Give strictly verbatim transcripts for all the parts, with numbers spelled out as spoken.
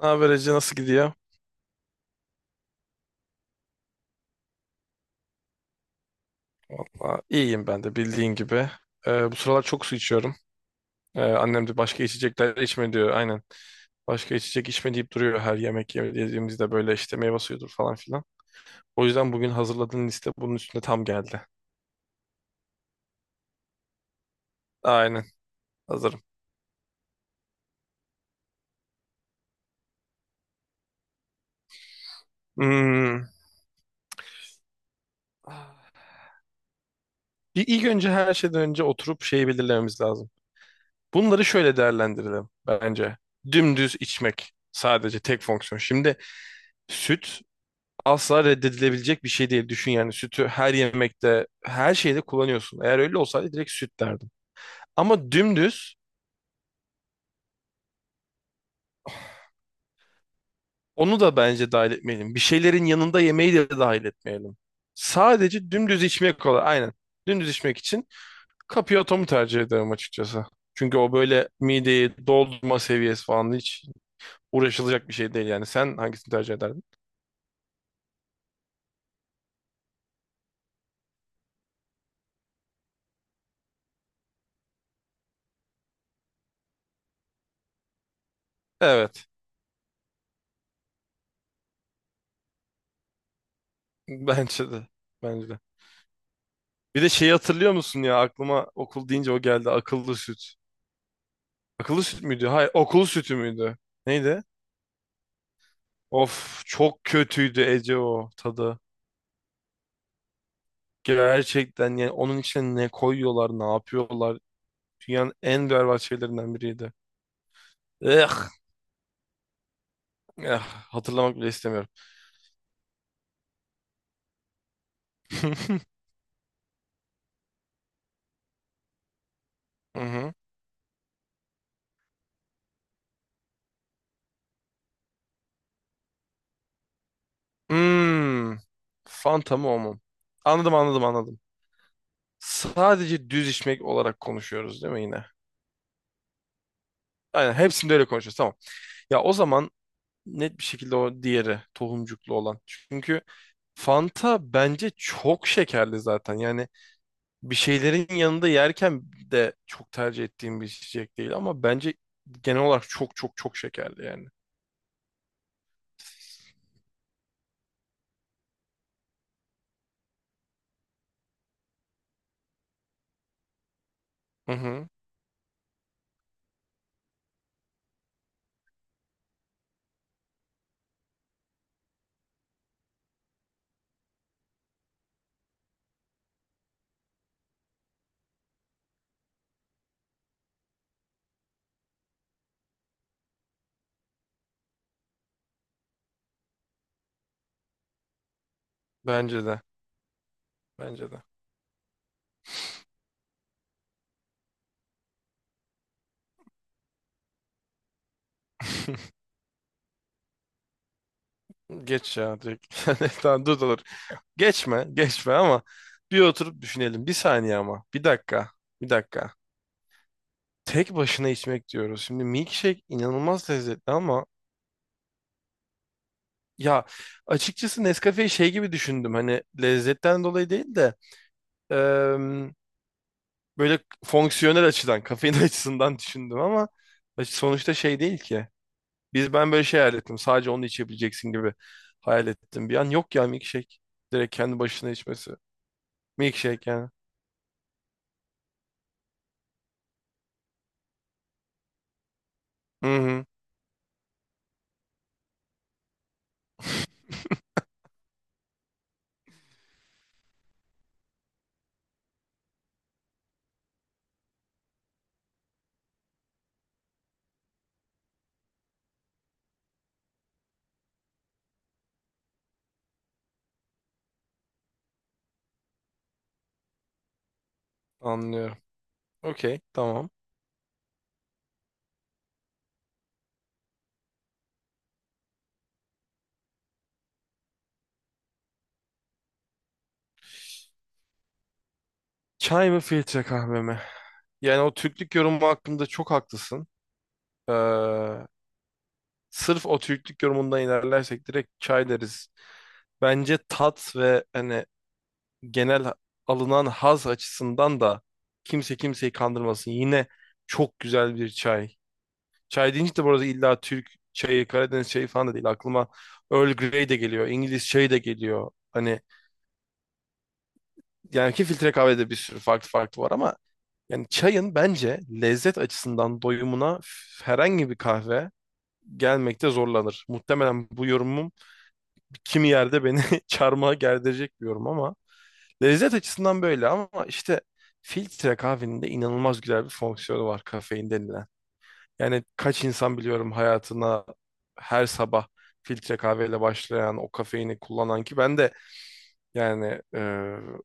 Ne haber Ece, nasıl gidiyor? Aa, İyiyim ben de bildiğin gibi. Ee, bu sıralar çok su içiyorum. Ee, annem de başka içecekler içme diyor aynen. Başka içecek içme deyip duruyor her yemek ye- yediğimizde böyle işte meyve suyudur falan filan. O yüzden bugün hazırladığın liste bunun üstüne tam geldi. Aynen, hazırım. Hmm. Bir ilk önce her şeyden önce oturup şeyi belirlememiz lazım. Bunları şöyle değerlendirelim bence. Dümdüz içmek sadece tek fonksiyon. Şimdi süt asla reddedilebilecek bir şey değil. Düşün yani sütü her yemekte, her şeyde kullanıyorsun. Eğer öyle olsaydı direkt süt derdim. Ama dümdüz onu da bence dahil etmeyelim. Bir şeylerin yanında yemeği de dahil etmeyelim. Sadece dümdüz içmek kolay. Aynen. Dümdüz içmek için Cappiotto'mu tercih ederim açıkçası. Çünkü o böyle mideyi doldurma seviyesi falan hiç uğraşılacak bir şey değil yani. Sen hangisini tercih ederdin? Evet. Bence de. Bence de. Bir de şeyi hatırlıyor musun ya, aklıma okul deyince o geldi, akıllı süt. Akıllı süt müydü? Hayır, okul sütü müydü? Neydi? Of, çok kötüydü Ece o tadı. Gerçekten yani onun içine ne koyuyorlar, ne yapıyorlar? Dünyanın en berbat şeylerinden biriydi. Eh, eh, hatırlamak bile istemiyorum. Hı hı. Hmm. Fanta mı o mu? Anladım, anladım, anladım. Sadece düz içmek olarak konuşuyoruz değil mi yine? Aynen, hepsinde öyle konuşuyoruz. Tamam. Ya o zaman net bir şekilde o diğeri, tohumcuklu olan. Çünkü Fanta bence çok şekerli zaten. Yani bir şeylerin yanında yerken de çok tercih ettiğim bir içecek değil ama bence genel olarak çok çok çok şekerli yani. Hı hı. Bence de. Bence de. Geç ya direkt. Yani tamam, dur dur. Geçme, geçme ama bir oturup düşünelim. Bir saniye ama. Bir dakika. Bir dakika. Tek başına içmek diyoruz. Şimdi milkshake inanılmaz lezzetli ama ya açıkçası Nescafe'yi şey gibi düşündüm, hani lezzetten dolayı değil de em, böyle fonksiyonel açıdan kafein açısından düşündüm ama aç- sonuçta şey değil ki. Biz ben böyle şey hayal ettim, sadece onu içebileceksin gibi hayal ettim. Bir an yok ya, milkshake direkt kendi başına içmesi. Milkshake yani. Hı hı, anlıyorum. Okey tamam. Çay mı filtre kahve mi? Yani o Türklük yorumu hakkında çok haklısın. Ee, Sırf o Türklük yorumundan ilerlersek direkt çay deriz. Bence tat ve hani genel alınan haz açısından da kimse kimseyi kandırmasın. Yine çok güzel bir çay. Çay deyince de bu arada illa Türk çayı, Karadeniz çayı falan da değil. Aklıma Earl Grey de geliyor, İngiliz çayı da geliyor. Hani yani ki filtre kahvede bir sürü farklı farklı var ama yani çayın bence lezzet açısından doyumuna f- herhangi bir kahve gelmekte zorlanır. Muhtemelen bu yorumum kimi yerde beni çarmıha gerdirecek diyorum ama lezzet açısından böyle ama işte filtre kahvenin de inanılmaz güzel bir fonksiyonu var, kafein denilen. Yani kaç insan biliyorum hayatına her sabah filtre kahveyle başlayan, o kafeini kullanan, ki ben de yani e,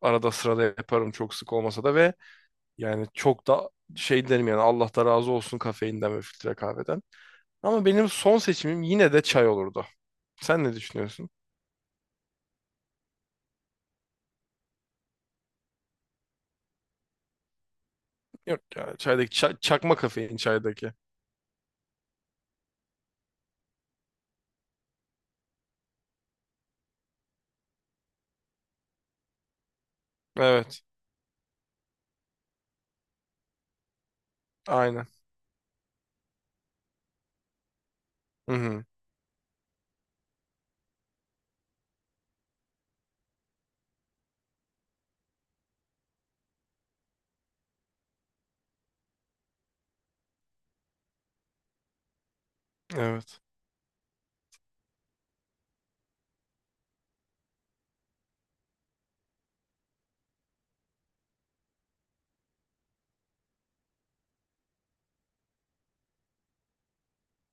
arada sırada yaparım çok sık olmasa da, ve yani çok da şey derim yani Allah da razı olsun kafeinden ve filtre kahveden. Ama benim son seçimim yine de çay olurdu. Sen ne düşünüyorsun? Yok ya çaydaki ça- çakma kafein çaydaki. Evet. Aynen. Hı hı. Evet.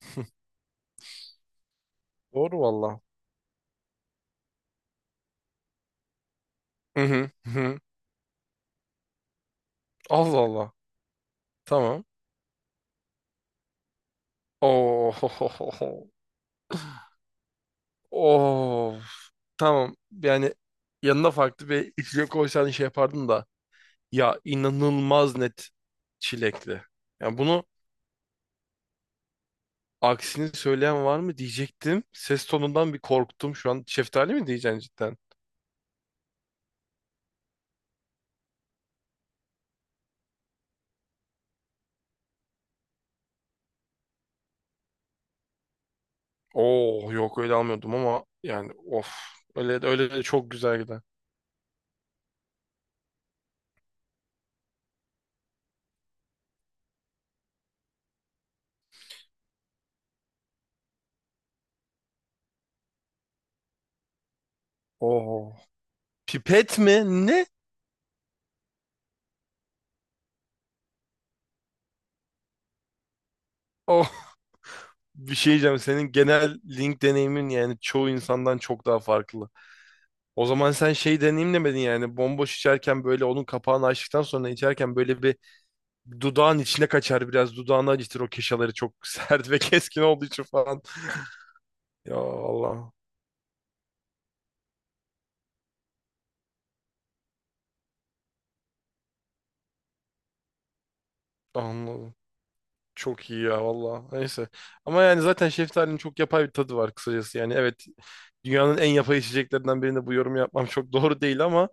Doğru valla. Hı hı. Hı hı. Allah Allah. Tamam. Oh. Oh. Tamam. Yani yanına farklı bir içecek koysan şey yapardın da. Ya inanılmaz net çilekli. Yani bunu aksini söyleyen var mı diyecektim. Ses tonundan bir korktum şu an. Şeftali mi diyeceksin cidden? Oh yok, öyle almıyordum ama yani of. Öyle öyle de çok güzel gider. Oo. Pipet mi? Ne? Oh. Bir şey diyeceğim. Senin genel link deneyimin yani çoğu insandan çok daha farklı. O zaman sen şey deneyim demedin yani. Bomboş içerken böyle onun kapağını açtıktan sonra içerken böyle bir dudağın içine kaçar biraz. Dudağını acıtır o keşaları çok sert ve keskin olduğu için falan. Ya Allah. Anladım. Çok iyi ya valla. Neyse. Ama yani zaten şeftalinin çok yapay bir tadı var kısacası. Yani evet, dünyanın en yapay içeceklerinden birinde bu yorumu yapmam çok doğru değil ama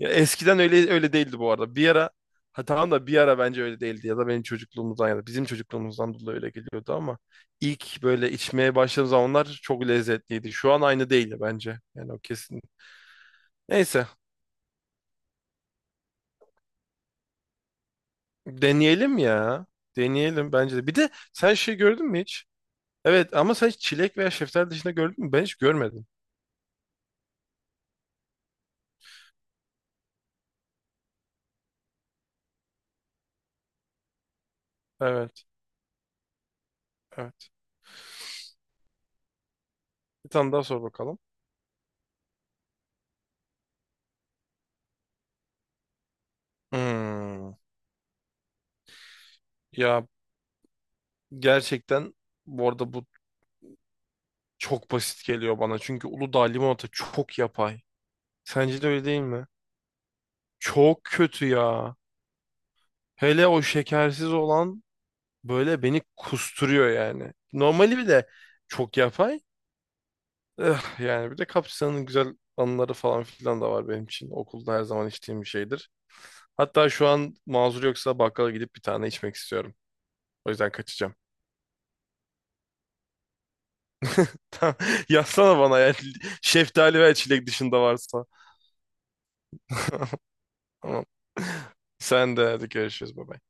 ya eskiden öyle öyle değildi bu arada. Bir ara ha tamam da, bir ara bence öyle değildi, ya da benim çocukluğumuzdan ya da bizim çocukluğumuzdan dolayı öyle geliyordu ama ilk böyle içmeye başladığım zamanlar çok lezzetliydi. Şu an aynı değil ya bence. Yani o kesin. Neyse, deneyelim ya. Deneyelim bence de. Bir de sen şey gördün mü hiç? Evet ama sen hiç çilek veya şeftali dışında gördün mü? Ben hiç görmedim. Evet, evet. Bir tane daha sor bakalım. Hmm. Ya gerçekten bu arada bu çok basit geliyor bana. Çünkü Uludağ limonata çok yapay. Sence de öyle değil mi? Çok kötü ya. Hele o şekersiz olan böyle beni kusturuyor yani. Normali bir de çok yapay. Eh, yani bir de Kapsa'nın güzel anıları falan filan da var benim için. Okulda her zaman içtiğim bir şeydir. Hatta şu an mazur yoksa bakkala gidip bir tane içmek istiyorum. O yüzden kaçacağım. Yazsana bana ya şeftali ve çilek dışında varsa. Tamam. Sen de hadi, görüşürüz, bye. Bye.